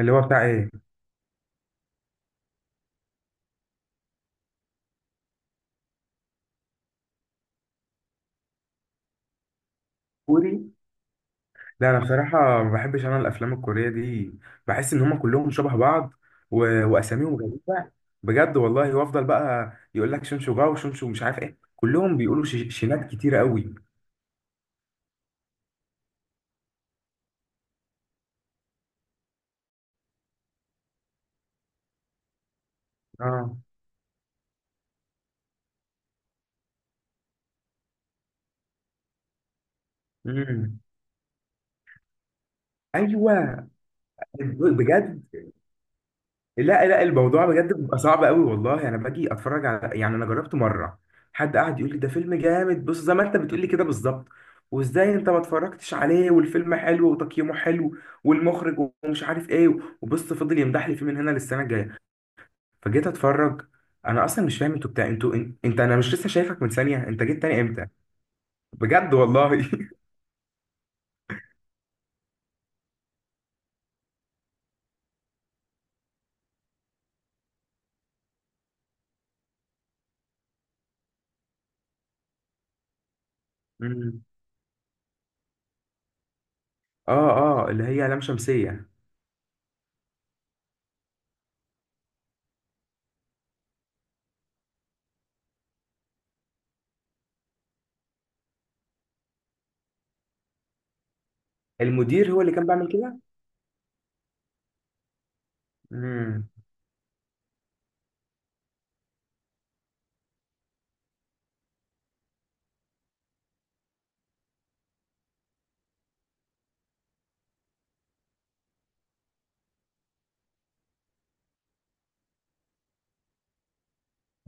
اللي هو بتاع ايه؟ كوري. لا، انا بصراحه ما بحبش انا الافلام الكوريه دي. بحس ان هم كلهم شبه بعض و... واساميهم غريبه، بجد والله. وافضل بقى يقول لك شنشو جاو شنشو مش عارف ايه، كلهم بيقولوا شينات كتيره قوي. اه. امم. ايوه، بجد. لا لا، الموضوع بجد بيبقى صعب قوي والله. انا باجي اتفرج على، يعني انا جربت مره، حد قعد يقول لي ده فيلم جامد، بص زي ما انت بتقول لي كده بالظبط، وازاي انت ما اتفرجتش عليه والفيلم حلو وتقييمه حلو والمخرج ومش عارف ايه، وبص فضل يمدح لي فيه من هنا للسنه الجايه. فجيت اتفرج. انا اصلا مش فاهم انتوا بتاع، انتوا انت، انا مش لسه شايفك من ثانيه، انت جيت تاني امتى؟ بجد والله. مم. اه. اه، اللي هي لام شمسيه. المدير هو اللي كان بيعمل كده. مم.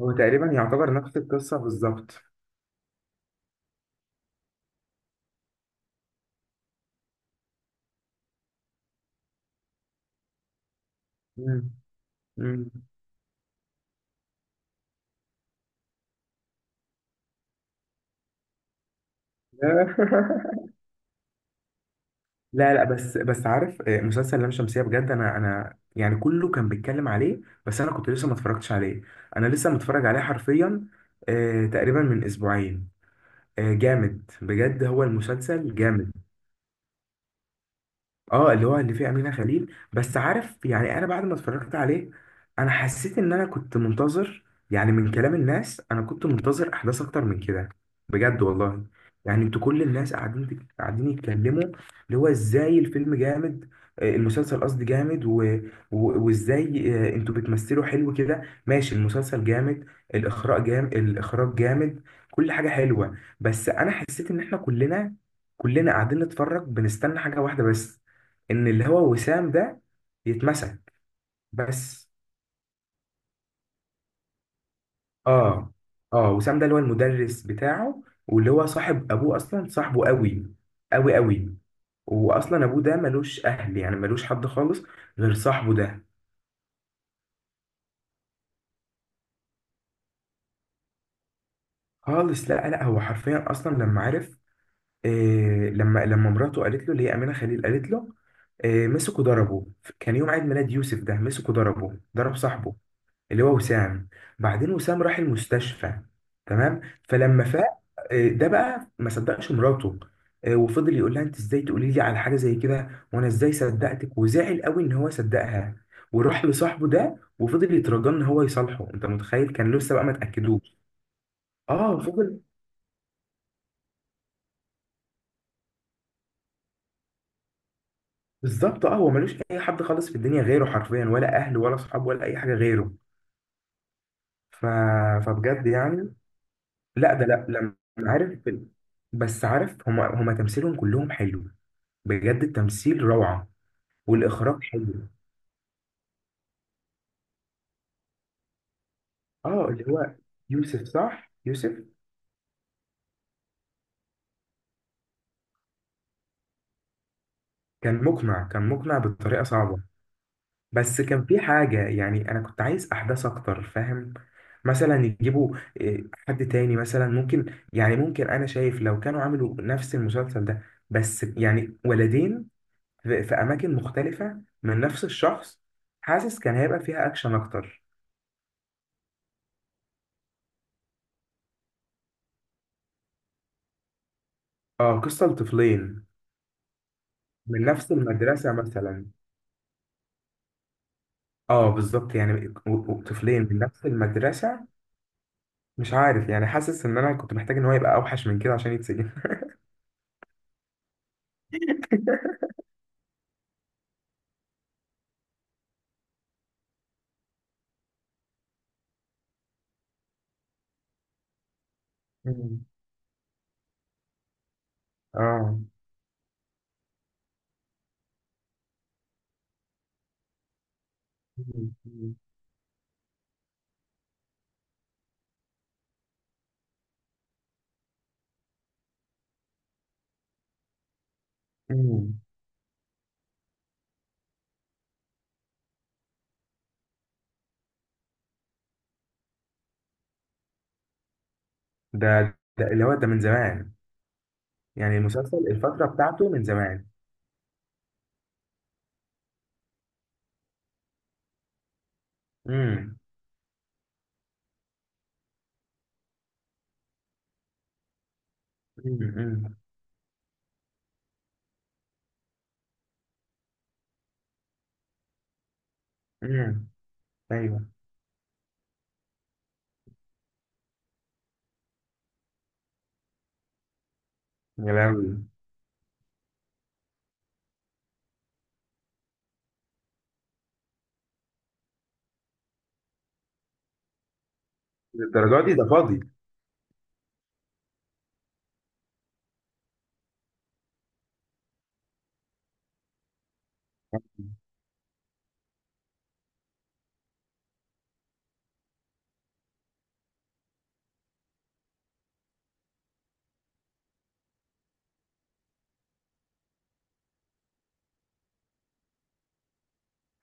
هو تقريبا يعتبر نفس القصه بالظبط. مم. مم. لا لا، بس عارف، آه، مسلسل لام شمسية، بجد انا يعني كله كان بيتكلم عليه، بس انا كنت لسه ما اتفرجتش عليه. انا لسه متفرج عليه حرفيا، آه، تقريبا من اسبوعين. آه، جامد بجد، هو المسلسل جامد. اه، اللي هو اللي فيه امينه خليل. بس عارف يعني انا بعد ما اتفرجت عليه انا حسيت ان انا كنت منتظر، يعني من كلام الناس انا كنت منتظر احداث اكتر من كده، بجد والله. يعني انتوا كل الناس قاعدين يتكلموا اللي هو ازاي الفيلم جامد، آه، المسلسل قصدي جامد وازاي، آه، انتوا بتمثلوا حلو كده، ماشي، المسلسل جامد، الاخراج جامد، الاخراج جامد، كل حاجه حلوه. بس انا حسيت ان احنا كلنا، كلنا قاعدين نتفرج بنستنى حاجه واحده بس، ان اللي هو وسام ده يتمسك. بس. اه. اه، وسام ده اللي هو المدرس بتاعه واللي هو صاحب ابوه اصلا، صاحبه قوي قوي قوي. واصلا ابوه ده ملوش اهل، يعني ملوش حد خالص غير صاحبه ده. خالص. لا لا، هو حرفيا اصلا لما عرف، إيه، لما مراته قالت له، اللي هي امينه خليل، قالت له إيه، مسكوا ضربه. كان يوم عيد ميلاد يوسف ده، مسكوا ضربه ضرب صاحبه اللي هو وسام، بعدين وسام راح المستشفى. تمام. فلما فاق، آه، ده بقى ما صدقش مراته، آه، وفضل يقول لها انت ازاي تقولي لي على حاجه زي كده وانا ازاي صدقتك، وزعل قوي ان هو صدقها، وراح لصاحبه ده وفضل يترجى ان هو يصالحه. انت متخيل؟ كان لسه بقى ما تاكدوش. اه، فضل. بالظبط، اه، هو ملوش اي حد خالص في الدنيا غيره حرفيا، ولا اهله ولا صحابه ولا اي حاجه غيره. ف... فبجد يعني. لا ده لا. لما عارف، بس عارف هما تمثيلهم كلهم حلو، بجد التمثيل روعة. والإخراج حلو. اه، اللي هو يوسف، صح؟ يوسف. كان مقنع، كان مقنع بطريقة صعبة. بس كان في حاجة، يعني أنا كنت عايز أحداث أكتر، فاهم؟ مثلا يجيبوا، إيه، حد تاني، مثلا ممكن، يعني ممكن، أنا شايف لو كانوا عملوا نفس المسلسل ده بس يعني ولدين، في أماكن مختلفة من نفس الشخص، حاسس كان هيبقى فيها أكشن أكتر. اه، قصة لطفلين. من نفس المدرسة مثلا. اه بالظبط، يعني طفلين من نفس المدرسة. مش عارف يعني، حاسس ان انا كنت محتاج ان هو يبقى اوحش من كده عشان يتسجن. مم. اه. مم. مم. مم. ده ده اللي هو ده من زمان. يعني المسلسل الفترة بتاعته من زمان. امم. مم. امم. امم. ايوه. يا لهوي. الدرجات دي، ده فاضي.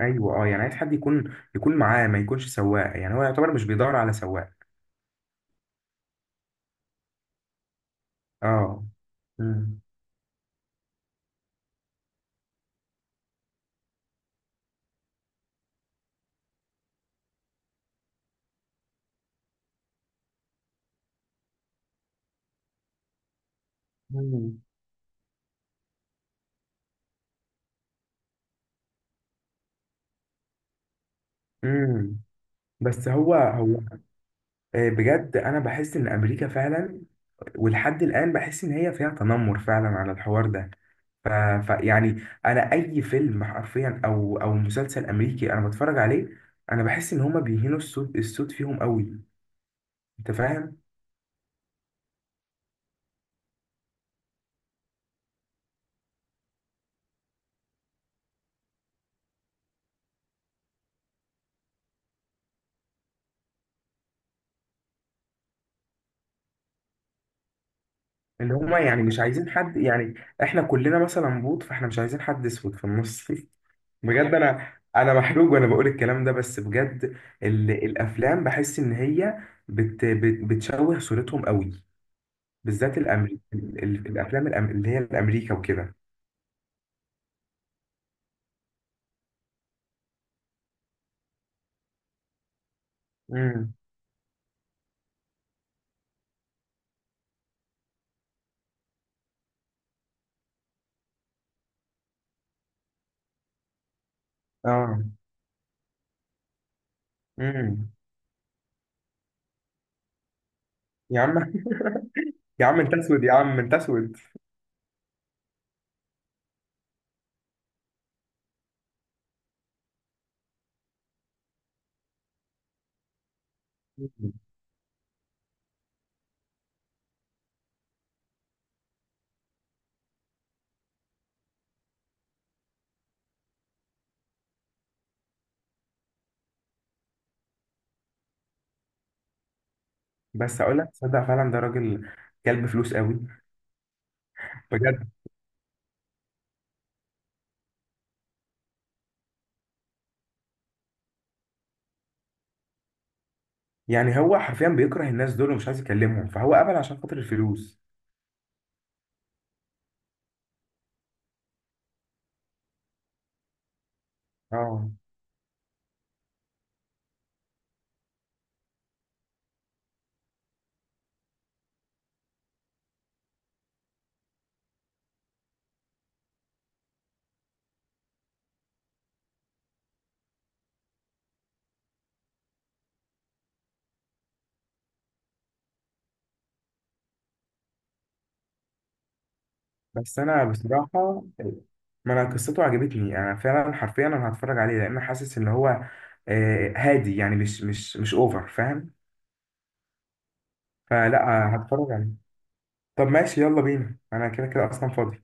ايوه، اه، يعني عايز حد يكون، يكون معاه، ما يكونش سواق، يعني هو يعتبر مش بيدور على سواق. اه. امم. مم. امم. بس هو هو. آه، بجد انا بحس ان امريكا فعلا، ولحد الان بحس ان هي فيها تنمر فعلا على الحوار ده. ف... يعني انا اي فيلم حرفيا، او او مسلسل امريكي انا بتفرج عليه، انا بحس ان هما بيهينوا الصوت، الصوت فيهم قوي، انت فاهم؟ ان هما يعني مش عايزين حد، يعني احنا كلنا مثلا بوط، فاحنا مش عايزين حد اسود في النص. بجد انا محروق وانا بقول الكلام ده، بس بجد الافلام بحس ان هي بت... بت... بتشوه صورتهم قوي. بالذات الأمريكي، الافلام اللي هي الامريكا وكده. امم. اه. امم. يا عم. يا عم انت اسود، يا عم انت اسود. مم. بس اقول لك، تصدق فعلا ده راجل كلب فلوس قوي. بجد. يعني هو حرفيا بيكره الناس دول ومش عايز يكلمهم، فهو قبل عشان خاطر الفلوس. اه. بس انا بصراحه، ما انا قصته عجبتني، انا فعلا حرفيا انا هتفرج عليه، لان حاسس ان هو، آه، هادي يعني، مش اوفر، فاهم؟ فلا، هتفرج عليه. طب ماشي، يلا بينا، انا كده كده اصلا فاضي.